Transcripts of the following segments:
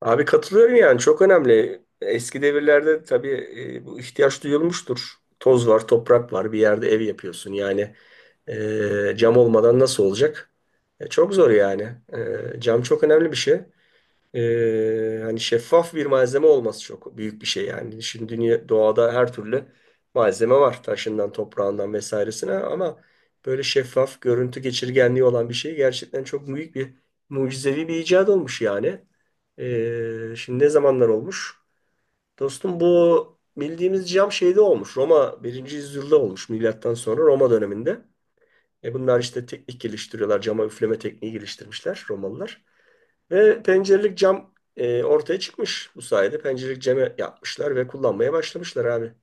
Abi katılıyorum yani çok önemli. Eski devirlerde tabii bu ihtiyaç duyulmuştur. Toz var, toprak var, bir yerde ev yapıyorsun. Yani cam olmadan nasıl olacak? Çok zor yani. Cam çok önemli bir şey. Hani şeffaf bir malzeme olması çok büyük bir şey yani. Şimdi dünya, doğada her türlü malzeme var. Taşından, toprağından vesairesine ama böyle şeffaf, görüntü geçirgenliği olan bir şey gerçekten çok büyük bir mucizevi bir icat olmuş yani. Şimdi ne zamanlar olmuş? Dostum bu bildiğimiz cam şeyde olmuş. Roma birinci yüzyılda olmuş milattan sonra Roma döneminde. Bunlar işte teknik geliştiriyorlar. Cama üfleme tekniği geliştirmişler Romalılar. Ve pencerelik cam ortaya çıkmış bu sayede. Pencerelik ceme yapmışlar ve kullanmaya başlamışlar abi.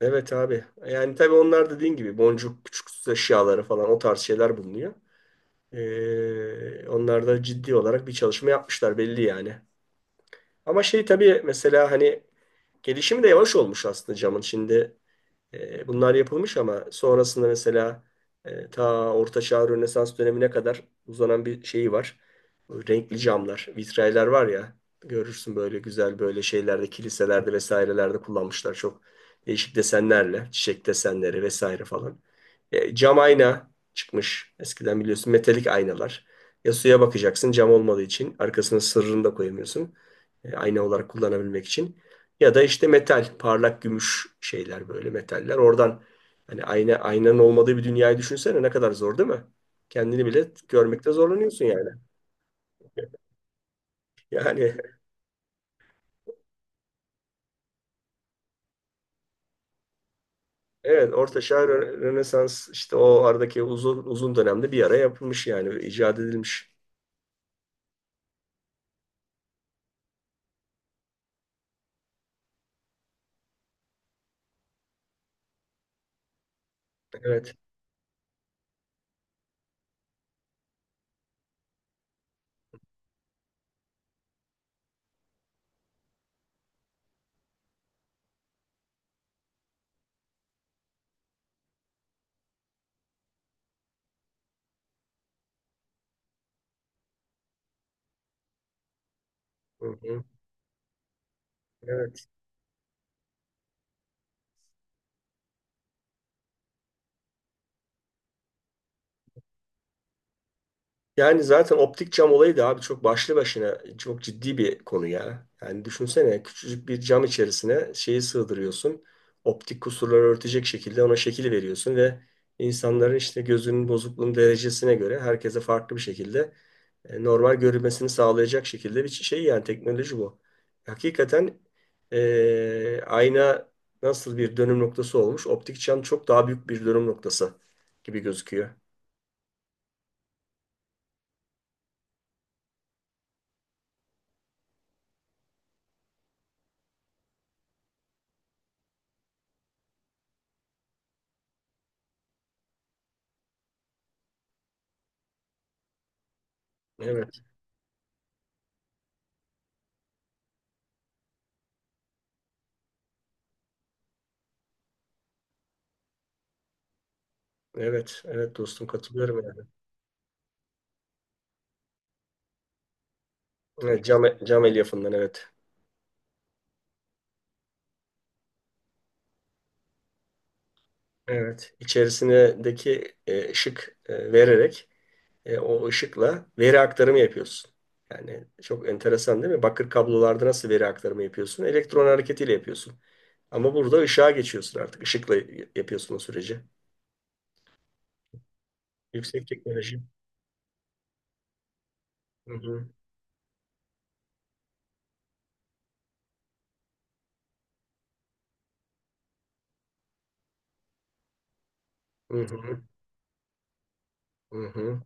Evet abi. Yani tabii onlar da dediğin gibi boncuk, küçük süs eşyaları falan o tarz şeyler bulunuyor. Onlar da ciddi olarak bir çalışma yapmışlar belli yani. Ama şey tabii mesela hani gelişimi de yavaş olmuş aslında camın. Şimdi bunlar yapılmış ama sonrasında mesela ta Orta Çağ Rönesans dönemine kadar uzanan bir şeyi var. Bu renkli camlar, vitraylar var ya görürsün böyle güzel böyle şeylerde, kiliselerde vesairelerde kullanmışlar çok değişik desenlerle, çiçek desenleri vesaire falan. Cam ayna çıkmış. Eskiden biliyorsun metalik aynalar. Ya suya bakacaksın cam olmadığı için arkasına sırrını da koyamıyorsun. Ayna olarak kullanabilmek için. Ya da işte metal, parlak gümüş şeyler böyle metaller. Oradan hani ayna, aynanın olmadığı bir dünyayı düşünsene ne kadar zor değil mi? Kendini bile görmekte zorlanıyorsun yani. Yani evet, Orta Çağ, Rönesans, işte o aradaki uzun uzun dönemde bir ara yapılmış yani icat edilmiş. Evet. Hı hı. Evet. Yani zaten optik cam olayı da abi çok başlı başına çok ciddi bir konu ya. Yani düşünsene küçücük bir cam içerisine şeyi sığdırıyorsun. Optik kusurları örtecek şekilde ona şekil veriyorsun ve insanların işte gözünün bozukluğunun derecesine göre herkese farklı bir şekilde normal görülmesini sağlayacak şekilde bir şey yani teknoloji bu. Hakikaten ayna nasıl bir dönüm noktası olmuş? Optik cam çok daha büyük bir dönüm noktası gibi gözüküyor. Evet. Evet, evet dostum katılıyorum yani. Evet, cam elyafından, evet. Evet, içerisindeki ışık vererek o ışıkla veri aktarımı yapıyorsun. Yani çok enteresan değil mi? Bakır kablolarda nasıl veri aktarımı yapıyorsun? Elektron hareketiyle yapıyorsun. Ama burada ışığa geçiyorsun artık. Işıkla yapıyorsun o süreci. Yüksek teknoloji. Hı hı, hı hı, hı hı.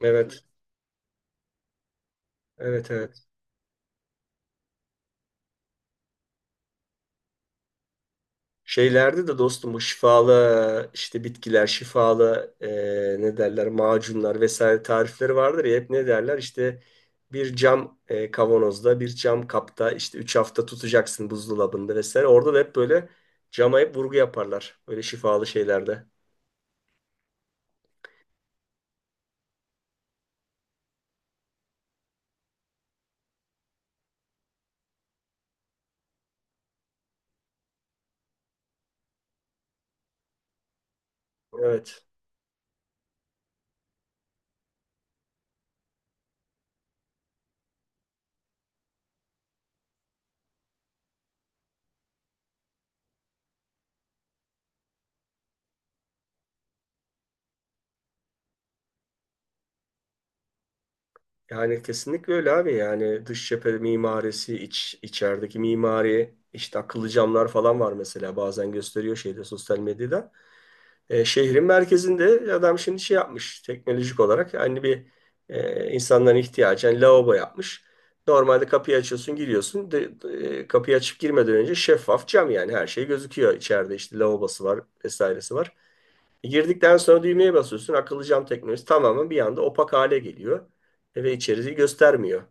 Evet, evet, evet. Şeylerde de dostum bu şifalı işte bitkiler, şifalı ne derler macunlar vesaire tarifleri vardır ya hep ne derler işte bir cam kavanozda bir cam kapta işte 3 hafta tutacaksın buzdolabında vesaire. Orada da hep böyle cama hep vurgu yaparlar böyle şifalı şeylerde. Evet. Yani kesinlikle öyle abi yani dış cephe mimarisi iç içerideki mimari işte akıllı camlar falan var mesela bazen gösteriyor şeyde sosyal medyada. Şehrin merkezinde adam şimdi şey yapmış teknolojik olarak. Hani bir insanların ihtiyacı. Hani lavabo yapmış. Normalde kapıyı açıyorsun giriyorsun. Kapıyı açıp girmeden önce şeffaf cam yani her şey gözüküyor. İçeride işte lavabosu var vesairesi var. Girdikten sonra düğmeye basıyorsun. Akıllı cam teknolojisi tamamen bir anda opak hale geliyor. Ve içeriği göstermiyor.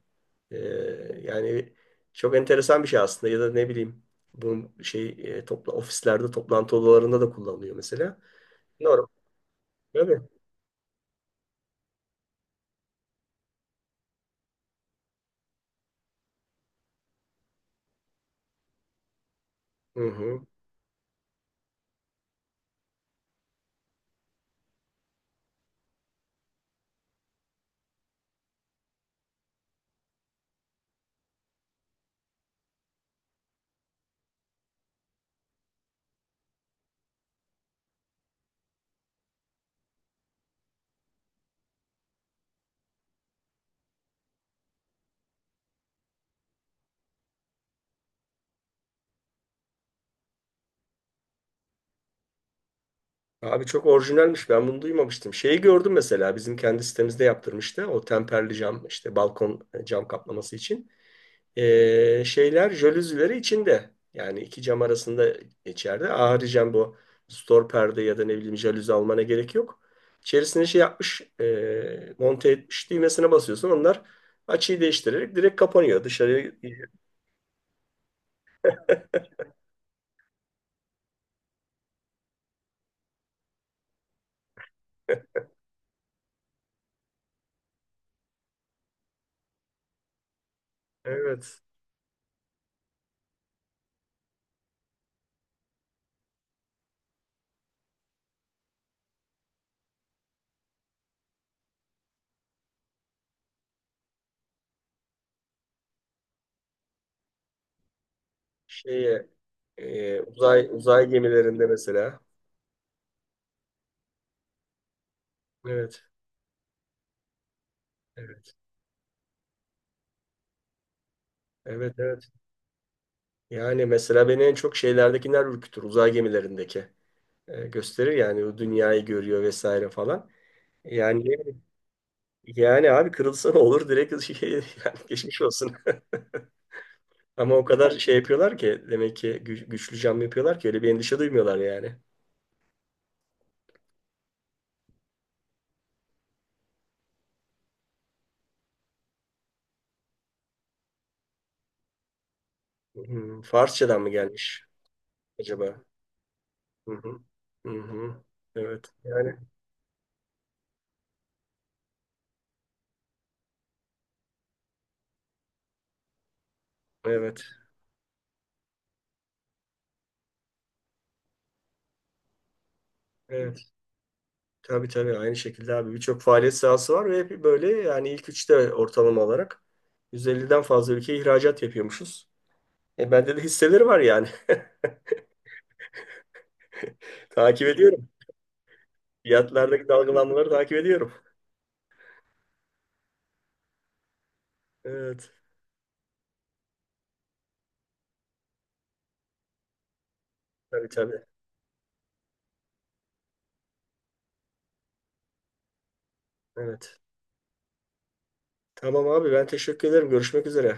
E, Yani çok enteresan bir şey aslında ya da ne bileyim bunun şey ofislerde toplantı odalarında da kullanılıyor mesela. Tabii. Hı hı. Abi çok orijinalmiş. Ben bunu duymamıştım. Şeyi gördüm mesela. Bizim kendi sitemizde yaptırmıştı. O temperli cam işte balkon cam kaplaması için. Şeyler jalüzileri içinde. Yani iki cam arasında içeride. Haricen bu stor perde ya da ne bileyim jalüzi almana gerek yok. İçerisine şey yapmış. Monte etmiş. Düğmesine basıyorsun. Onlar açıyı değiştirerek direkt kapanıyor. Dışarıya, evet. Şeye, uzay gemilerinde mesela. Evet. Evet. Evet, evet. Yani mesela beni en çok şeylerdekiler ürkütür. Uzay gemilerindeki gösterir yani o dünyayı görüyor vesaire falan. Yani, abi kırılsa ne olur direkt şey, yani geçmiş olsun. Ama o kadar şey yapıyorlar ki demek ki güçlü cam yapıyorlar ki öyle bir endişe duymuyorlar yani. Hmm, Farsçadan mı gelmiş acaba? Hı hı. Hı hı. Evet. Yani, evet. Evet. Tabii tabii aynı şekilde abi birçok faaliyet sahası var ve hep böyle yani ilk üçte ortalama olarak 150'den fazla ülkeye ihracat yapıyormuşuz. Bende de hisseleri var yani. Takip ediyorum. Fiyatlardaki dalgalanmaları takip ediyorum. Evet. Tabii tabii. Evet. Tamam abi ben teşekkür ederim. Görüşmek üzere.